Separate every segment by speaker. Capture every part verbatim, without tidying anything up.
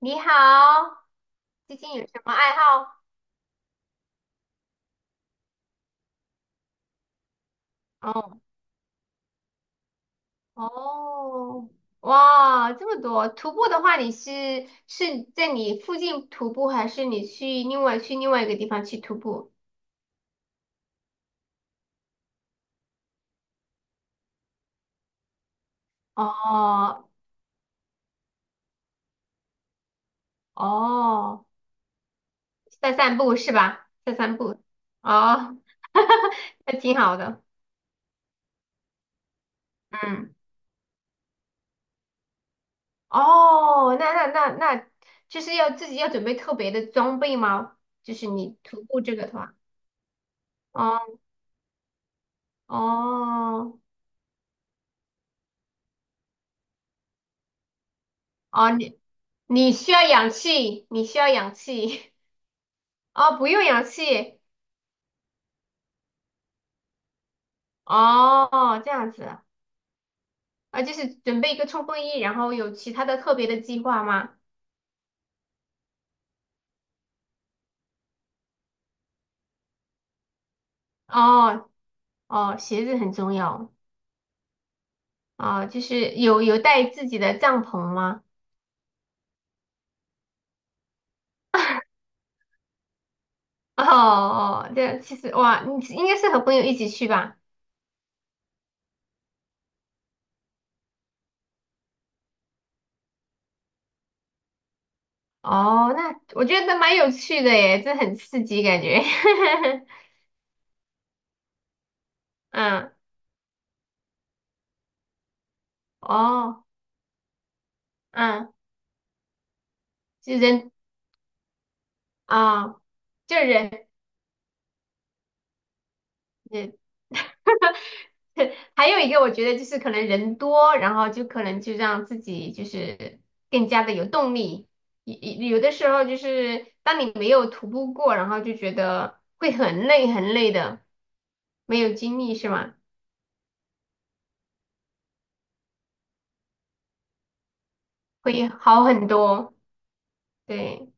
Speaker 1: 你好，最近有什么爱好？哦。哦。哇，这么多！徒步的话，你是是在你附近徒步，还是你去另外去另外一个地方去徒步？哦哦，在散步是吧？在散步。哦。那挺好的。嗯。哦。那那那那，就是要自己要准备特别的装备吗？就是你徒步这个的话。哦哦。哦，你你需要氧气，你需要氧气。哦，不用氧气。哦，这样子。啊，就是准备一个冲锋衣，然后有其他的特别的计划吗？哦哦，鞋子很重要。哦，就是有有带自己的帐篷吗？哦哦，这其实哇，你应该是和朋友一起去吧？哦，那我觉得蛮有趣的耶，这很刺激感觉。嗯。哦。嗯。就人啊，就人。还有一个我觉得就是可能人多，然后就可能就让自己就是更加的有动力。有有的时候就是当你没有徒步过，然后就觉得会很累很累的，没有精力是吗？会好很多。对。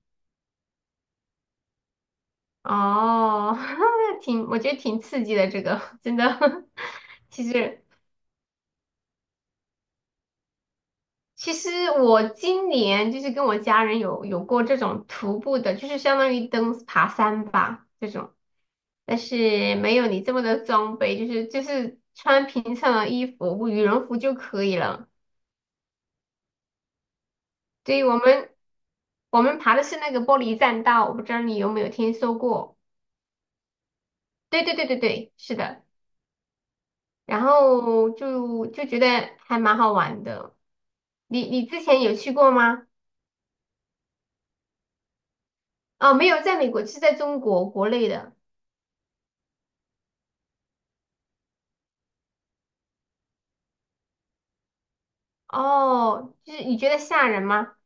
Speaker 1: 哦。挺我觉得挺刺激的这个 真的。其实。其实我今年就是跟我家人有有过这种徒步的，就是相当于登爬山吧这种，但是没有你这么的装备，就是就是穿平常的衣服，羽绒服就可以了。对于我们我们爬的是那个玻璃栈道，我不知道你有没有听说过？对对对对对，是的。然后就就觉得还蛮好玩的。你你之前有去过吗？哦，没有，在美国，是在中国国内的。哦，就是你觉得吓人吗？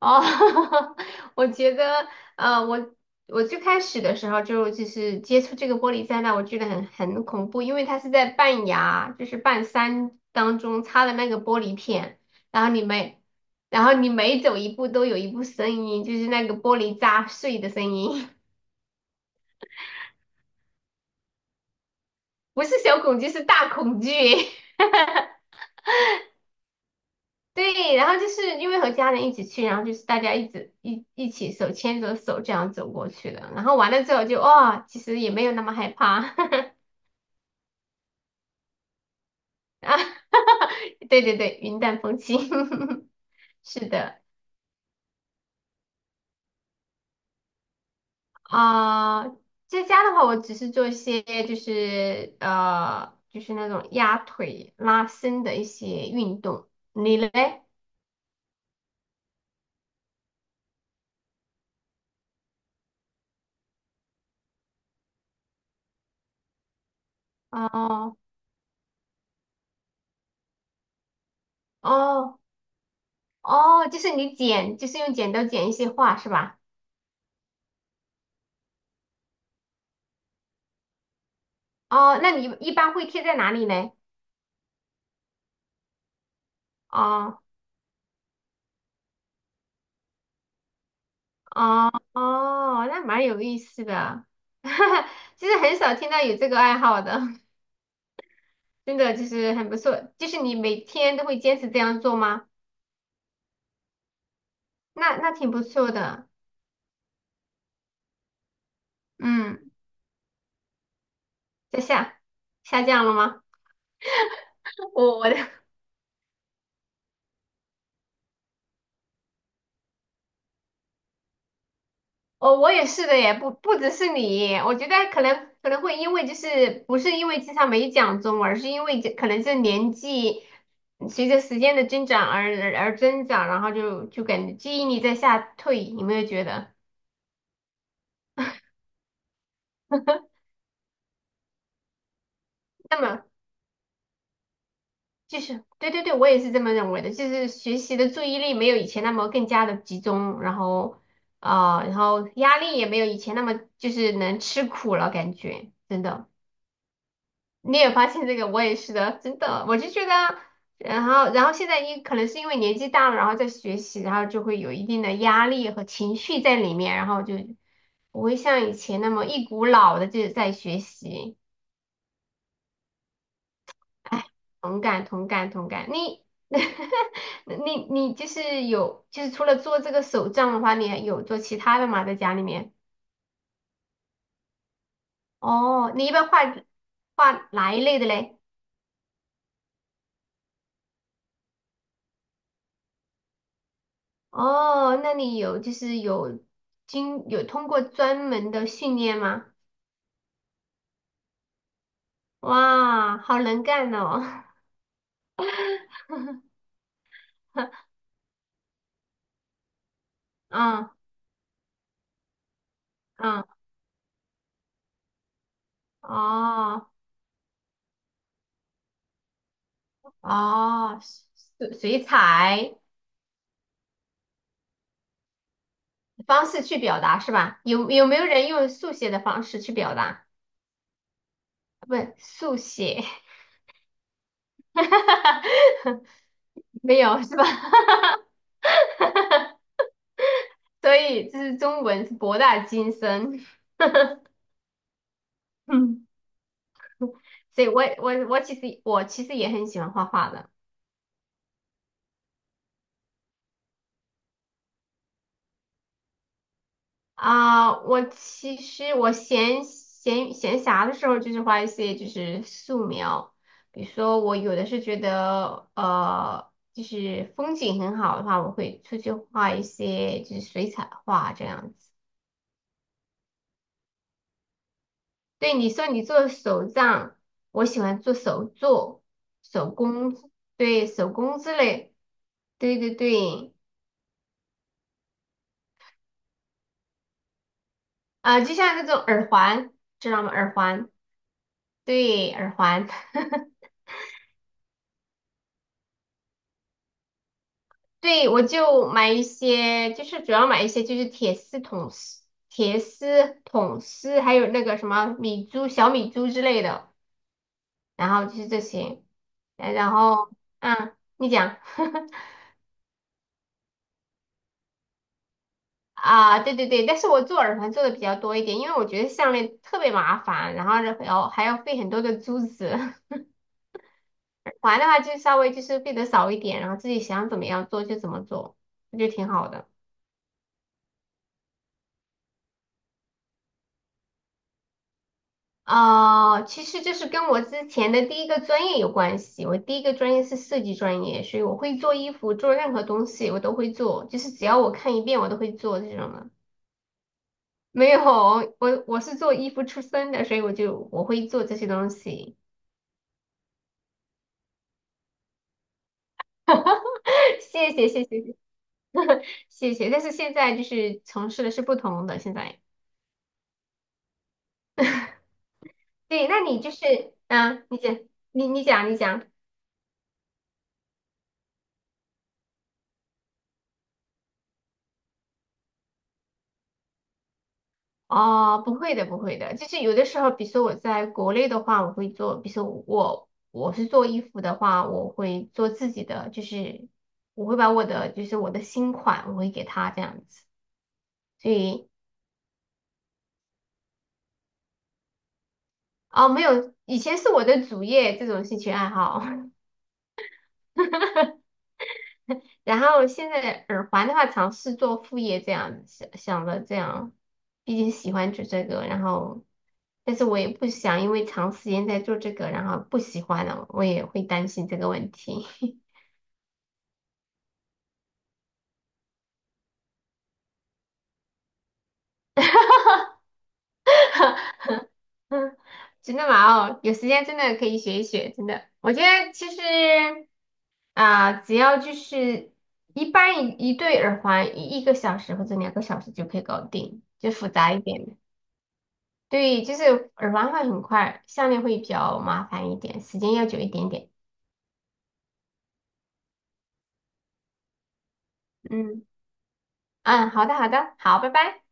Speaker 1: 哦。我觉得，呃，我我最开始的时候就就是接触这个玻璃灾难，我觉得很很恐怖，因为它是在半崖，就是半山当中插的那个玻璃片，然后你每然后你每走一步都有一步声音，就是那个玻璃砸碎的声音。不是小恐惧，是大恐惧。对，然后就是因为和家人一起去，然后就是大家一直一一起手牵着手这样走过去的，然后完了之后就哦，其实也没有那么害怕。 啊，对对对，云淡风轻。是的。啊、在家的话，我只是做一些就是呃就是那种压腿拉伸的一些运动。你嘞？哦哦哦，就是你剪，就是用剪刀剪一些画是吧？哦，那你一般会贴在哪里呢？哦哦哦，那蛮有意思的。其实很少听到有这个爱好的，真的就是很不错。就是你每天都会坚持这样做吗？那那挺不错的。嗯，在下下降了吗？我我的我我也是的耶，不不只是你，我觉得可能可能会因为就是不是因为经常没讲中，而是因为这可能是年纪随着时间的增长而而增长，然后就就感觉记忆力在下退，有没有觉得？那么就是对对对，我也是这么认为的，就是学习的注意力没有以前那么更加的集中，然后啊、呃然后压力也没有以前那么就是能吃苦了，感觉真的，你也发现这个，我也是的，真的，我就觉得，然后然后现在因可能是因为年纪大了，然后在学习，然后就会有一定的压力和情绪在里面，然后就不会像以前那么一股脑的就是在学习。哎，同感同感同感。你 你你就是有，就是除了做这个手账的话，你还有做其他的吗？在家里面？哦，你一般画画哪一类的嘞？哦，那你有就是有经有通过专门的训练吗？哇，好能干哦！啊啊。哦哦。水水彩方式去表达是吧？有有没有人用速写的方式去表达？不是速写。没有是吧？所以这是中文是博大精深。嗯，所以我我我其实我其实也很喜欢画画的。啊、我其实我闲闲闲暇的时候就是画一些就是素描，比如说我有的是觉得呃就是风景很好的话，我会出去画一些就是水彩画这样子。对，你说你做手账，我喜欢做手作、手工。对，手工之类。对对对。啊、就像那种耳环，知道吗？耳环。对，耳环。对，我就买一些，就是主要买一些就是铁丝桶丝、铁丝桶丝，还有那个什么米珠、小米珠之类的，然后就是这些。呃然后，嗯，你讲。啊，对对对，但是我做耳环做的比较多一点，因为我觉得项链特别麻烦，然后还要还要费很多的珠子。耳环的话就稍微就是费的少一点，然后自己想怎么样做就怎么做，我觉得挺好的。哦、其实就是跟我之前的第一个专业有关系，我第一个专业是设计专业，所以我会做衣服，做任何东西我都会做，就是只要我看一遍我都会做这种的。没有，我我是做衣服出身的，所以我就我会做这些东西。谢谢谢谢谢谢。但是现在就是从事的是不同的。现在对，那你就是啊，你讲。你你讲，你讲。哦，不会的，不会的，就是有的时候，比如说我在国内的话，我会做，比如说我我是做衣服的话，我会做自己的，就是我会把我的就是我的新款，我会给他这样子。所以哦，没有，以前是我的主业这种兴趣爱好。然后现在耳环的话，尝试做副业这样，想想着这样，毕竟喜欢做这个，然后，但是我也不想因为长时间在做这个，然后不喜欢了，我也会担心这个问题。嗯，真的吗？哦，有时间真的可以学一学，真的，我觉得其实啊、只要就是一般一一对耳环一一个小时或者两个小时就可以搞定，就复杂一点的。对，就是耳环会很快，项链会比较麻烦一点，时间要久一点点。嗯嗯，好的好的，好，拜拜。